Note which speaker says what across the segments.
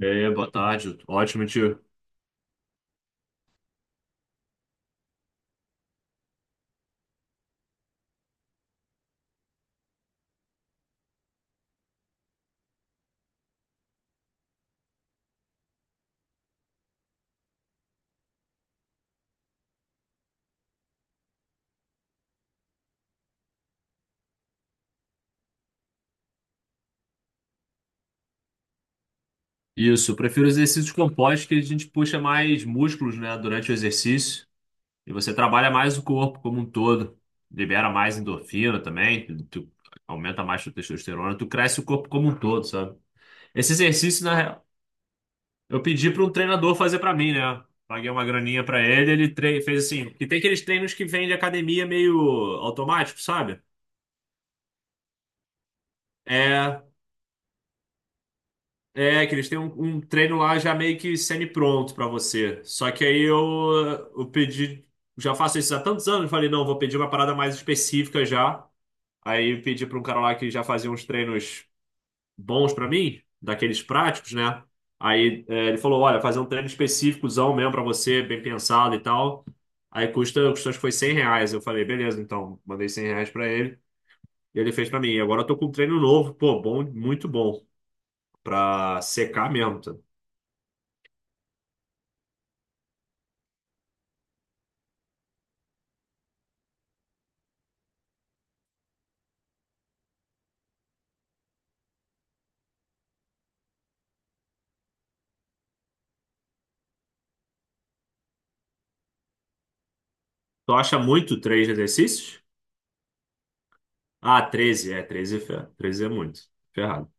Speaker 1: É, boa tarde. Ótimo, tio. Isso, eu prefiro exercícios compostos que a gente puxa mais músculos, né, durante o exercício. E você trabalha mais o corpo como um todo. Libera mais endorfina também. Aumenta mais tua testosterona. Tu cresce o corpo como um todo, sabe? Esse exercício, na real, eu pedi para um treinador fazer para mim, né? Paguei uma graninha para ele, fez assim. Que tem aqueles treinos que vêm de academia meio automático, sabe? É. É, que eles têm um treino lá já meio que semi-pronto pra você. Só que aí eu pedi, já faço isso há tantos anos, falei, não, vou pedir uma parada mais específica já. Aí eu pedi pra um cara lá que já fazia uns treinos bons pra mim, daqueles práticos, né? Aí é, ele falou, olha, fazer um treino específicozão mesmo pra você, bem pensado e tal. Aí custou, acho que foi 100 reais. Eu falei, beleza, então, mandei 100 reais pra ele. E ele fez pra mim. E agora eu tô com um treino novo, pô, bom, muito bom, pra secar mesmo. Tá. Tu acha muito três exercícios? Ah, 13 é muito. Ferrado.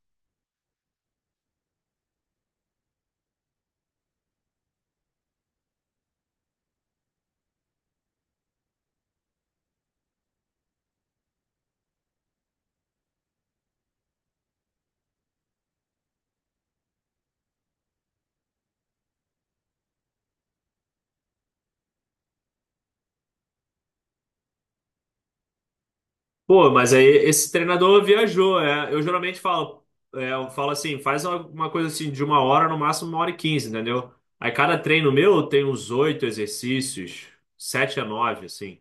Speaker 1: Pô, mas aí esse treinador viajou, é. Eu geralmente falo, é, eu falo assim, faz uma coisa assim de 1 hora, no máximo 1 hora e 15, entendeu? Aí cada treino meu tem uns oito exercícios, sete a nove, assim.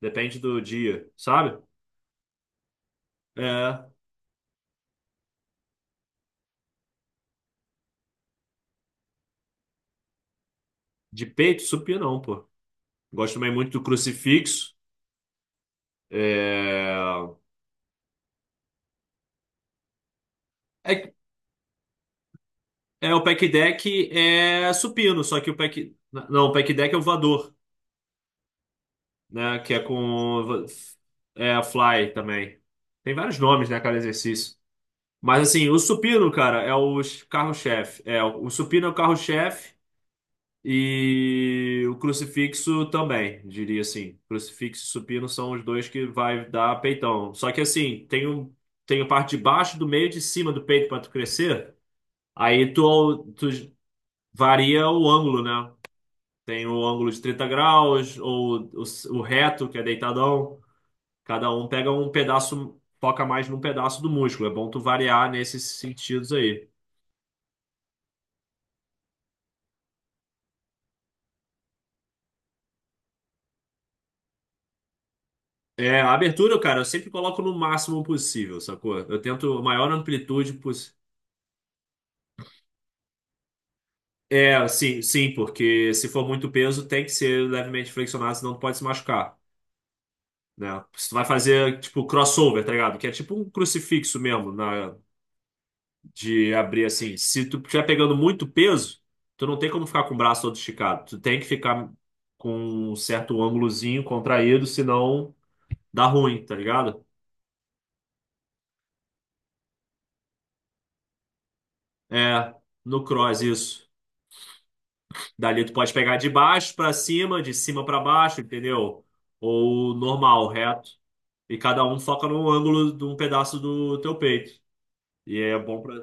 Speaker 1: Depende do dia, sabe? É, de peito, supino não, pô. Gosto também muito do crucifixo. É, é, É, o pack deck é supino, só que o pack. Não, o pack deck é o voador, né? Que é com. É fly também. Tem vários nomes, né, cada exercício. Mas assim, o supino, cara, é o carro-chefe. É, o supino é o carro-chefe e o crucifixo também, diria assim. Crucifixo e supino são os dois que vai dar peitão. Só que assim, tem a parte de baixo, do meio e de cima do peito para tu crescer. Aí tu varia o ângulo, né? Tem o ângulo de 30 graus, ou o reto, que é deitadão. Cada um pega um pedaço, foca mais num pedaço do músculo. É bom tu variar nesses sentidos aí. É, a abertura, cara, eu sempre coloco no máximo possível, sacou? Eu tento a maior amplitude possível. É, sim, sim, porque se for muito peso, tem que ser levemente flexionado, senão tu pode se machucar, né? Se tu vai fazer, tipo, crossover, tá ligado? Que é tipo um crucifixo mesmo, na, de abrir assim. Se tu estiver pegando muito peso, tu não tem como ficar com o braço todo esticado. Tu tem que ficar com um certo ângulozinho contraído, senão dá ruim, tá ligado? É, no cross isso. Dali tu pode pegar de baixo pra cima, de cima pra baixo, entendeu? Ou normal, reto. E cada um foca num ângulo de um pedaço do teu peito. E é bom pra.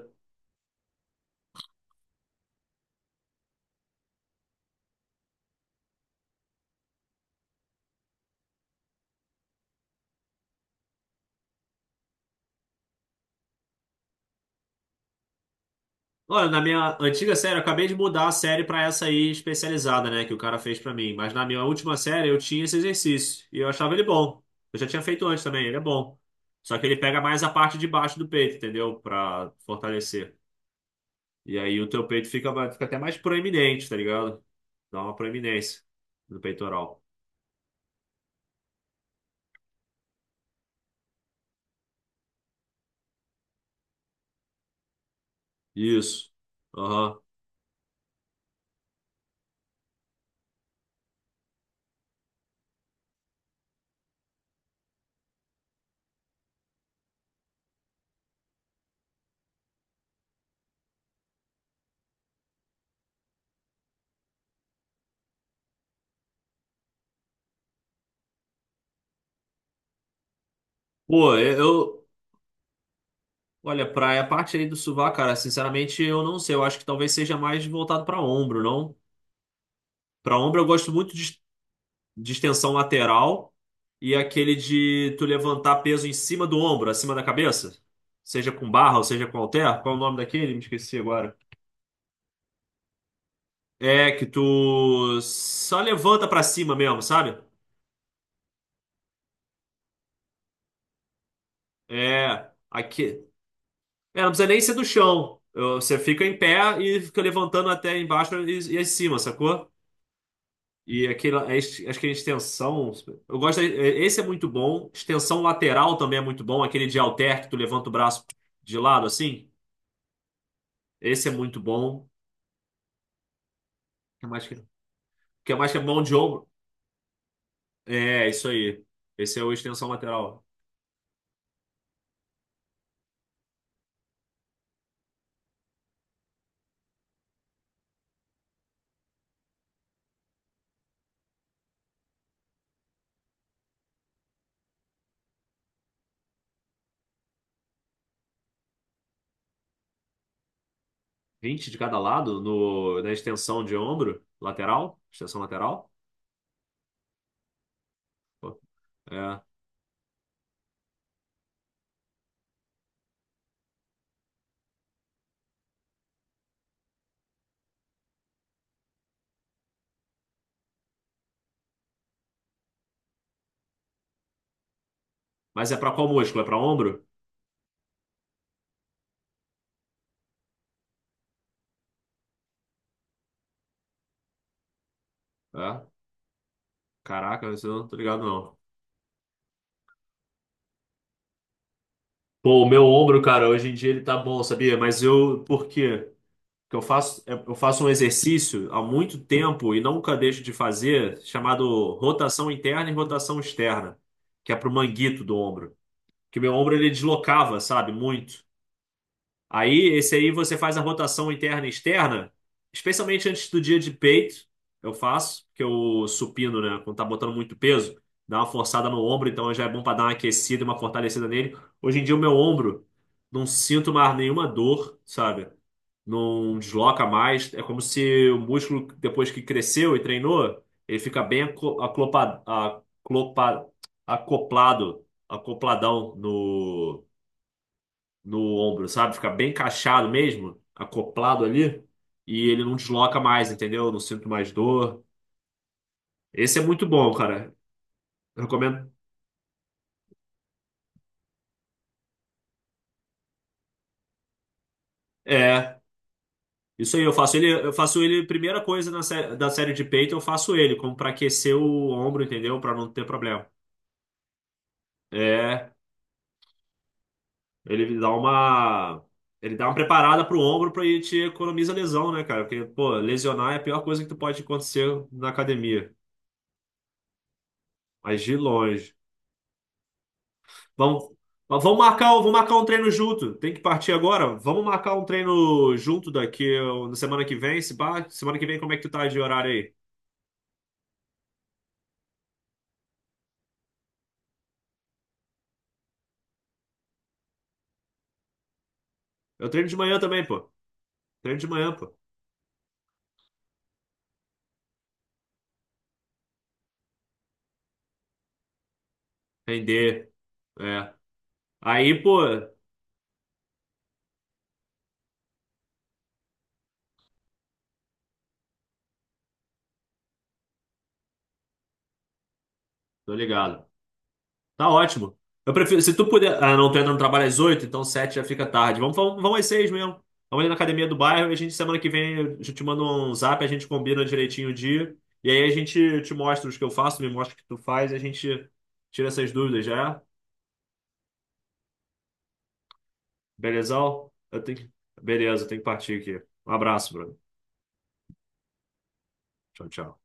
Speaker 1: Olha, na minha antiga série, eu acabei de mudar a série pra essa aí especializada, né, que o cara fez pra mim. Mas na minha última série eu tinha esse exercício e eu achava ele bom. Eu já tinha feito antes também, ele é bom. Só que ele pega mais a parte de baixo do peito, entendeu? Pra fortalecer. E aí o teu peito fica até mais proeminente, tá ligado? Dá uma proeminência no peitoral. Isso. Aham. Pô, eu. eu- Olha, pra a parte aí do sovaco, cara, sinceramente eu não sei. Eu acho que talvez seja mais voltado pra ombro, não? Pra ombro eu gosto muito de extensão lateral e aquele de tu levantar peso em cima do ombro, acima da cabeça, seja com barra ou seja com halter. Qual é o nome daquele? Me esqueci agora. É que tu só levanta pra cima mesmo, sabe? É, aqui. É, não precisa nem ser do chão. Você fica em pé e fica levantando até embaixo e acima, sacou? E aquele, acho que a extensão. Esse é muito bom. Extensão lateral também é muito bom. Aquele de halter que tu levanta o braço de lado assim. Esse é muito bom. O que mais que, o que mais que é mão de ombro? É, isso aí. Esse é o extensão lateral. 20 de cada lado no, na extensão de ombro lateral? Extensão lateral? Pô, É. Mas é pra qual músculo? É pra ombro? É. Caraca, isso eu não tô ligado, não. Pô, o meu ombro, cara, hoje em dia ele tá bom, sabia? Mas eu, por quê? Porque eu faço, é- eu faço um exercício há muito tempo e nunca deixo de fazer, chamado rotação interna e rotação externa, que é pro manguito do ombro. Que meu ombro ele deslocava, sabe? Muito. Aí, esse aí você faz a rotação interna e externa, especialmente antes do dia de peito, eu faço, porque eu supino, né? Quando tá botando muito peso, dá uma forçada no ombro, então já é bom para dar uma aquecida, e uma fortalecida nele. Hoje em dia, o meu ombro, não sinto mais nenhuma dor, sabe? Não desloca mais. É como se o músculo, depois que cresceu e treinou, ele fica bem aclopa- acopladão no no ombro, sabe? Fica bem encaixado mesmo, acoplado ali, e ele não desloca mais, entendeu? Não sinto mais dor. Esse é muito bom, cara. Eu recomendo. É, isso aí, eu faço ele, primeira coisa da série de peito, eu faço ele, como pra aquecer o ombro, entendeu? Pra não ter problema. É, ele dá uma. Ele dá uma preparada pro ombro pra ele te economiza lesão, né, cara? Porque, pô, lesionar é a pior coisa que tu pode acontecer na academia. Mas de longe. Vamos, vamos marcar um treino junto. Tem que partir agora. Vamos marcar um treino junto daqui ó, na semana que vem. Se pá, semana que vem, como é que tu tá de horário aí? Eu treino de manhã também, pô. Treino de manhã, pô. Render. É. Aí, pô, tô ligado. Tá ótimo. Eu prefiro. Se tu puder. Ah, não, tu entra no trabalho às 8, então 7 já fica tarde. Vamos às 6 mesmo. Vamos ali na academia do bairro e a gente, semana que vem, eu te mando um zap, a gente combina direitinho o dia. E aí a gente te mostra os que eu faço, me mostra o que tu faz e a gente tira essas dúvidas, já é? Belezão? Eu tenho que... Beleza, eu tenho que partir aqui. Um abraço, Bruno. Tchau, tchau.